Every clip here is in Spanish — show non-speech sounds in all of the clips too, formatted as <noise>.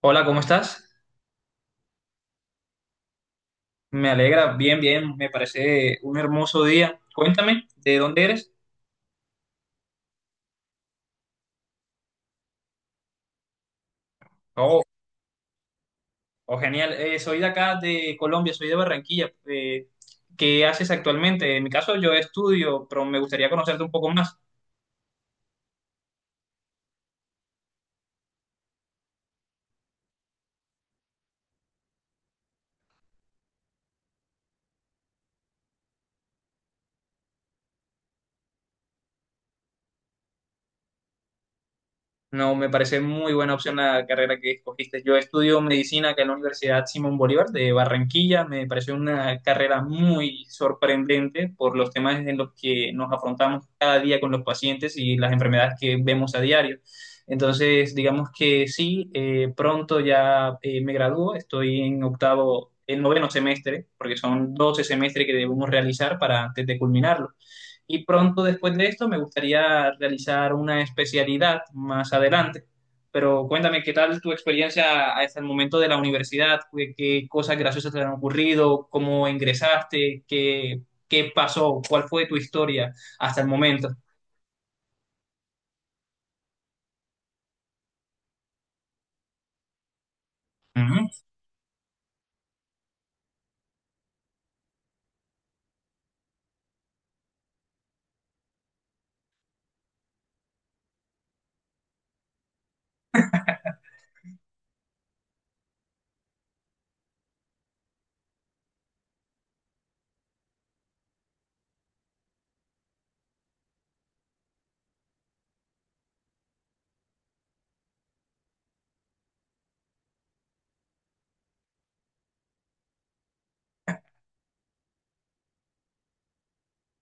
Hola, ¿cómo estás? Me alegra, bien, bien, me parece un hermoso día. Cuéntame, ¿de dónde eres? Oh, oh, genial. Soy de acá, de Colombia, soy de Barranquilla. ¿Qué haces actualmente? En mi caso, yo estudio, pero me gustaría conocerte un poco más. No, me parece muy buena opción la carrera que escogiste. Yo estudio medicina acá en la Universidad Simón Bolívar de Barranquilla. Me pareció una carrera muy sorprendente por los temas en los que nos afrontamos cada día con los pacientes y las enfermedades que vemos a diario. Entonces, digamos que sí, pronto ya me gradúo. Estoy en octavo, el noveno semestre, porque son 12 semestres que debemos realizar para antes de culminarlo. Y pronto después de esto me gustaría realizar una especialidad más adelante. Pero cuéntame, ¿qué tal tu experiencia hasta el momento de la universidad? Qué cosas graciosas te han ocurrido? ¿Cómo ingresaste? Qué pasó? ¿Cuál fue tu historia hasta el momento?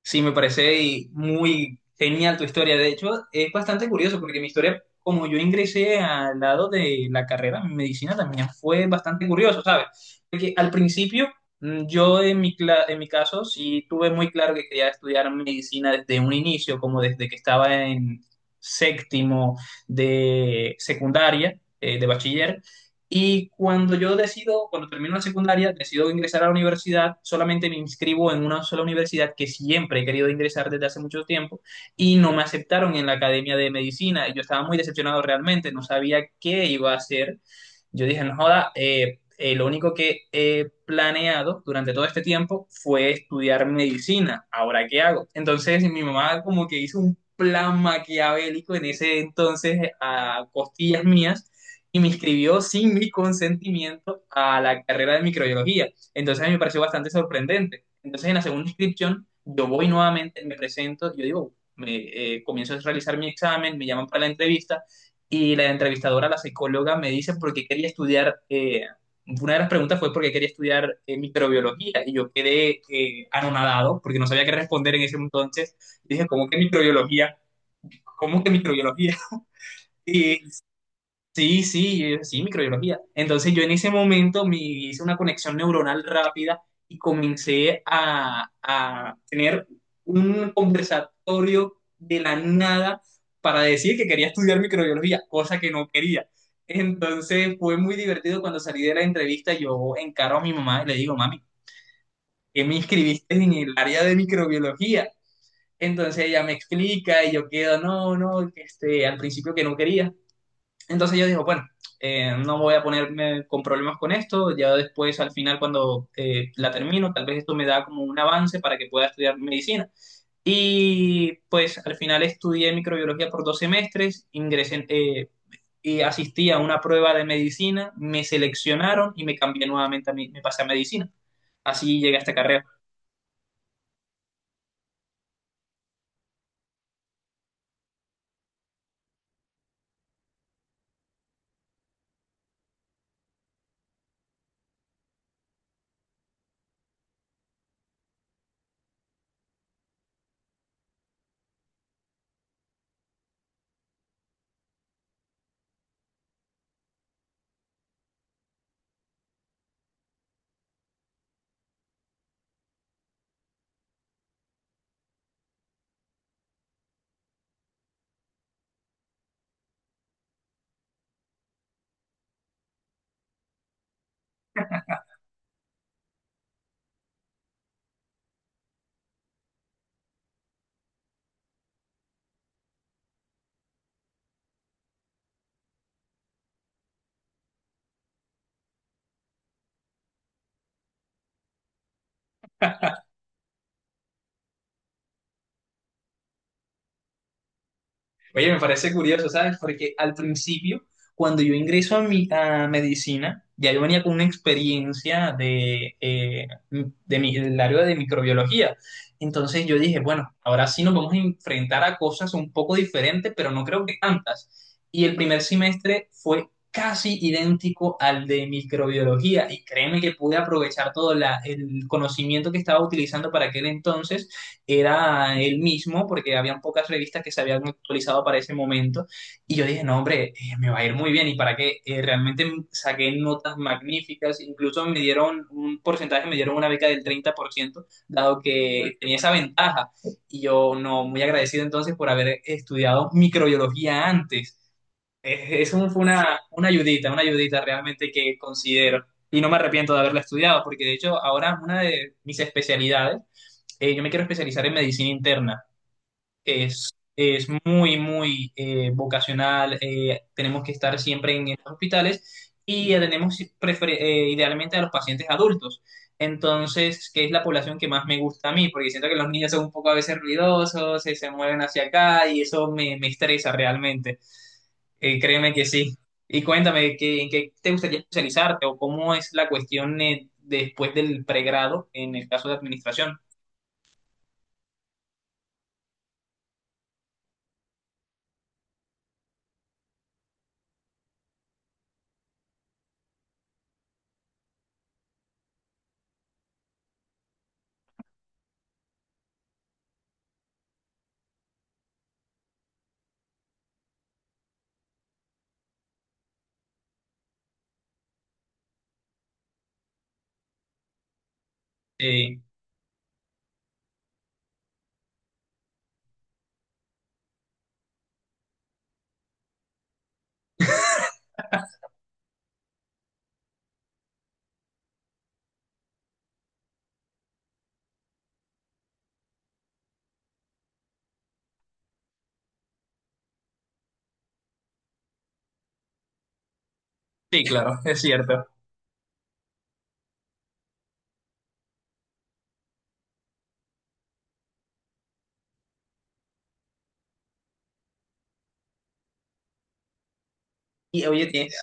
Sí, me parece y muy genial tu historia. De hecho, es bastante curioso porque mi historia, como yo ingresé al lado de la carrera en medicina, también fue bastante curioso, ¿sabes? Porque al principio, yo en mi, en mi caso, sí tuve muy claro que quería estudiar medicina desde un inicio, como desde que estaba en séptimo de secundaria, de bachiller. Y cuando yo decido, cuando termino la secundaria, decido ingresar a la universidad, solamente me inscribo en una sola universidad que siempre he querido ingresar desde hace mucho tiempo y no me aceptaron en la Academia de Medicina. Y yo estaba muy decepcionado realmente, no sabía qué iba a hacer. Yo dije, no joda, lo único que he planeado durante todo este tiempo fue estudiar medicina. ¿Ahora qué hago? Entonces mi mamá como que hizo un plan maquiavélico en ese entonces a costillas mías y me inscribió sin mi consentimiento a la carrera de microbiología. Entonces a mí me pareció bastante sorprendente. Entonces en la segunda inscripción yo voy nuevamente, me presento, yo digo, comienzo a realizar mi examen, me llaman para la entrevista y la entrevistadora, la psicóloga, me dice por qué quería estudiar, una de las preguntas fue por qué quería estudiar microbiología y yo quedé anonadado porque no sabía qué responder en ese entonces. Y dije, ¿cómo que microbiología? ¿Cómo que microbiología? <laughs> Y sí, sí, sí, microbiología. Entonces yo en ese momento me hice una conexión neuronal rápida y comencé a tener un conversatorio de la nada para decir que quería estudiar microbiología, cosa que no quería. Entonces fue muy divertido cuando salí de la entrevista, yo encaro a mi mamá y le digo, mami, ¿qué me inscribiste en el área de microbiología? Entonces ella me explica y yo quedo, no, no, que este, al principio que no quería, entonces yo digo, bueno, no voy a ponerme con problemas con esto, ya después al final cuando la termino, tal vez esto me da como un avance para que pueda estudiar medicina. Y pues al final estudié microbiología por dos semestres, y asistí a una prueba de medicina, me seleccionaron y me cambié nuevamente a me pasé a medicina. Así llegué a esta carrera. Oye, me parece curioso, ¿sabes? Porque al principio, cuando yo ingreso a mi a medicina, ya yo venía con una experiencia de, del área de microbiología. Entonces yo dije, bueno, ahora sí nos vamos a enfrentar a cosas un poco diferentes, pero no creo que tantas. Y el primer semestre fue casi idéntico al de microbiología. Y créeme que pude aprovechar todo el conocimiento que estaba utilizando para aquel entonces era el mismo, porque habían pocas revistas que se habían actualizado para ese momento, y yo dije, no, hombre, me va a ir muy bien, y para qué. Realmente saqué notas magníficas, incluso me dieron un porcentaje, me dieron una beca del 30% dado que tenía esa ventaja, y yo, no, muy agradecido entonces por haber estudiado microbiología antes. Eso fue una ayudita realmente que considero. Y no me arrepiento de haberla estudiado, porque de hecho ahora una de mis especialidades, yo me quiero especializar en medicina interna. Es, es muy, muy vocacional. Tenemos que estar siempre en los hospitales y atendemos idealmente a los pacientes adultos. Entonces, que es la población que más me gusta a mí, porque siento que los niños son un poco a veces ruidosos, se mueven hacia acá y eso me estresa realmente. Créeme que sí. Y cuéntame, ¿qué, en qué te gustaría especializarte o cómo es la cuestión después del pregrado en el caso de administración? Eh, Sí, claro, <laughs> es cierto. Y oye,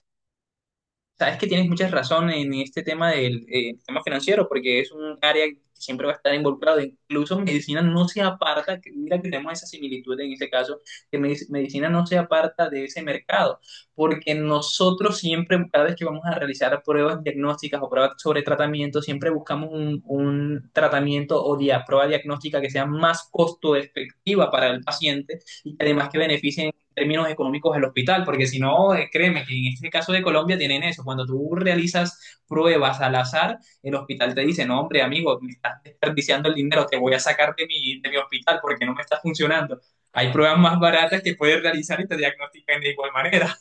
sabes que tienes muchas razón en este tema del tema financiero, porque es un área que siempre va a estar involucrado. Incluso medicina no se aparta, que mira que tenemos esa similitud en este caso, que medicina no se aparta de ese mercado, porque nosotros siempre, cada vez que vamos a realizar pruebas diagnósticas o pruebas sobre tratamiento, siempre buscamos un tratamiento o prueba diagnóstica que sea más costo efectiva para el paciente y que además que beneficie términos económicos al hospital, porque si no, créeme que en este caso de Colombia tienen eso, cuando tú realizas pruebas al azar, el hospital te dice, no, hombre, amigo, me estás desperdiciando el dinero, te voy a sacar de de mi hospital porque no me está funcionando. Hay pruebas más baratas que puedes realizar y te diagnostican de igual manera.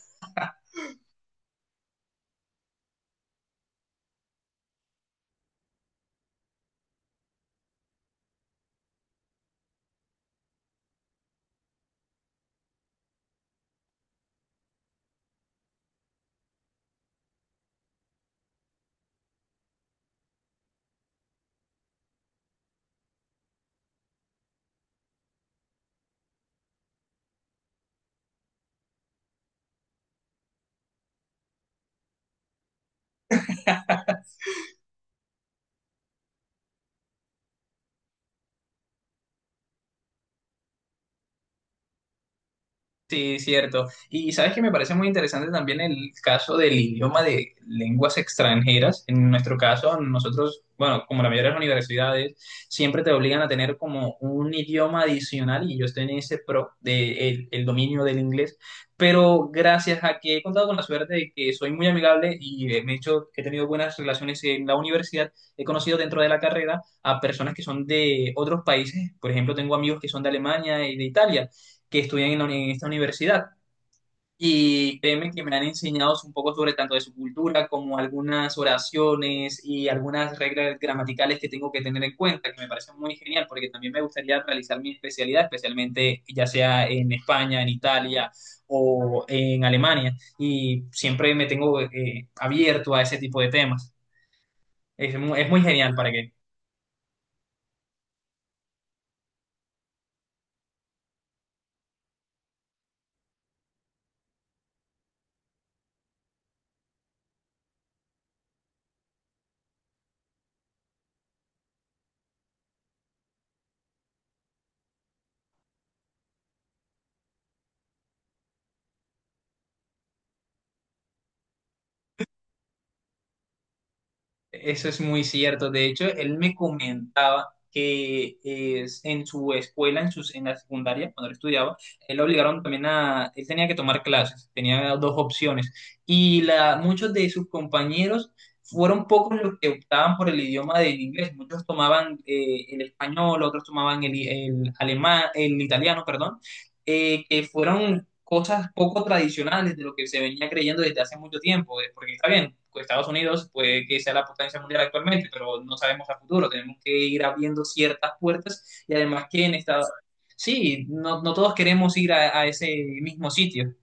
Sí, cierto. Y sabes que me parece muy interesante también el caso del idioma de lenguas extranjeras. En nuestro caso, nosotros, bueno, como la mayoría de las universidades, siempre te obligan a tener como un idioma adicional y yo estoy en ese pro de el dominio del inglés. Pero gracias a que he contado con la suerte de que soy muy amigable y me he hecho, he tenido buenas relaciones en la universidad, he conocido dentro de la carrera a personas que son de otros países. Por ejemplo, tengo amigos que son de Alemania y de Italia que estudian en esta universidad. Y créeme que me han enseñado un poco sobre tanto de su cultura como algunas oraciones y algunas reglas gramaticales que tengo que tener en cuenta, que me parece muy genial, porque también me gustaría realizar mi especialidad, especialmente ya sea en España, en Italia o en Alemania. Y siempre me tengo abierto a ese tipo de temas. Es muy genial, ¿para qué? Eso es muy cierto. De hecho, él me comentaba que es, en su escuela, en, sus, en la secundaria, cuando él estudiaba, él lo obligaron también a, él tenía que tomar clases, tenía dos opciones. Y muchos de sus compañeros fueron pocos los que optaban por el idioma del inglés. Muchos tomaban el español, otros tomaban el alemán, el italiano, perdón. Que fueron cosas poco tradicionales de lo que se venía creyendo desde hace mucho tiempo, porque está bien, pues Estados Unidos puede que sea la potencia mundial actualmente, pero no sabemos a futuro, tenemos que ir abriendo ciertas puertas y además que en Estados sí, no, no todos queremos ir a ese mismo sitio.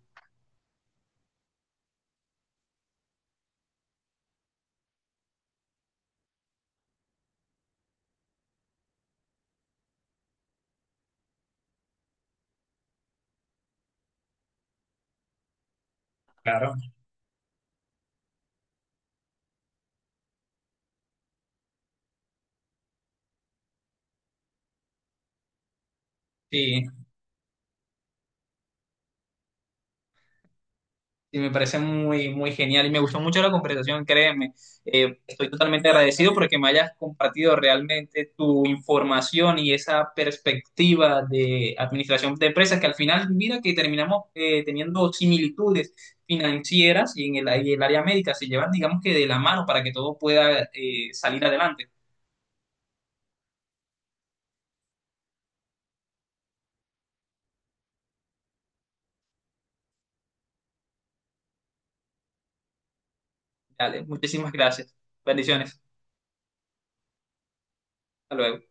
Claro. Sí, y me parece muy, muy genial y me gustó mucho la conversación, créeme. Estoy totalmente agradecido porque me hayas compartido realmente tu información y esa perspectiva de administración de empresas que al final, mira que terminamos teniendo similitudes financieras y en y el área médica se llevan, digamos que de la mano para que todo pueda salir adelante. Dale, muchísimas gracias. Bendiciones. Hasta luego.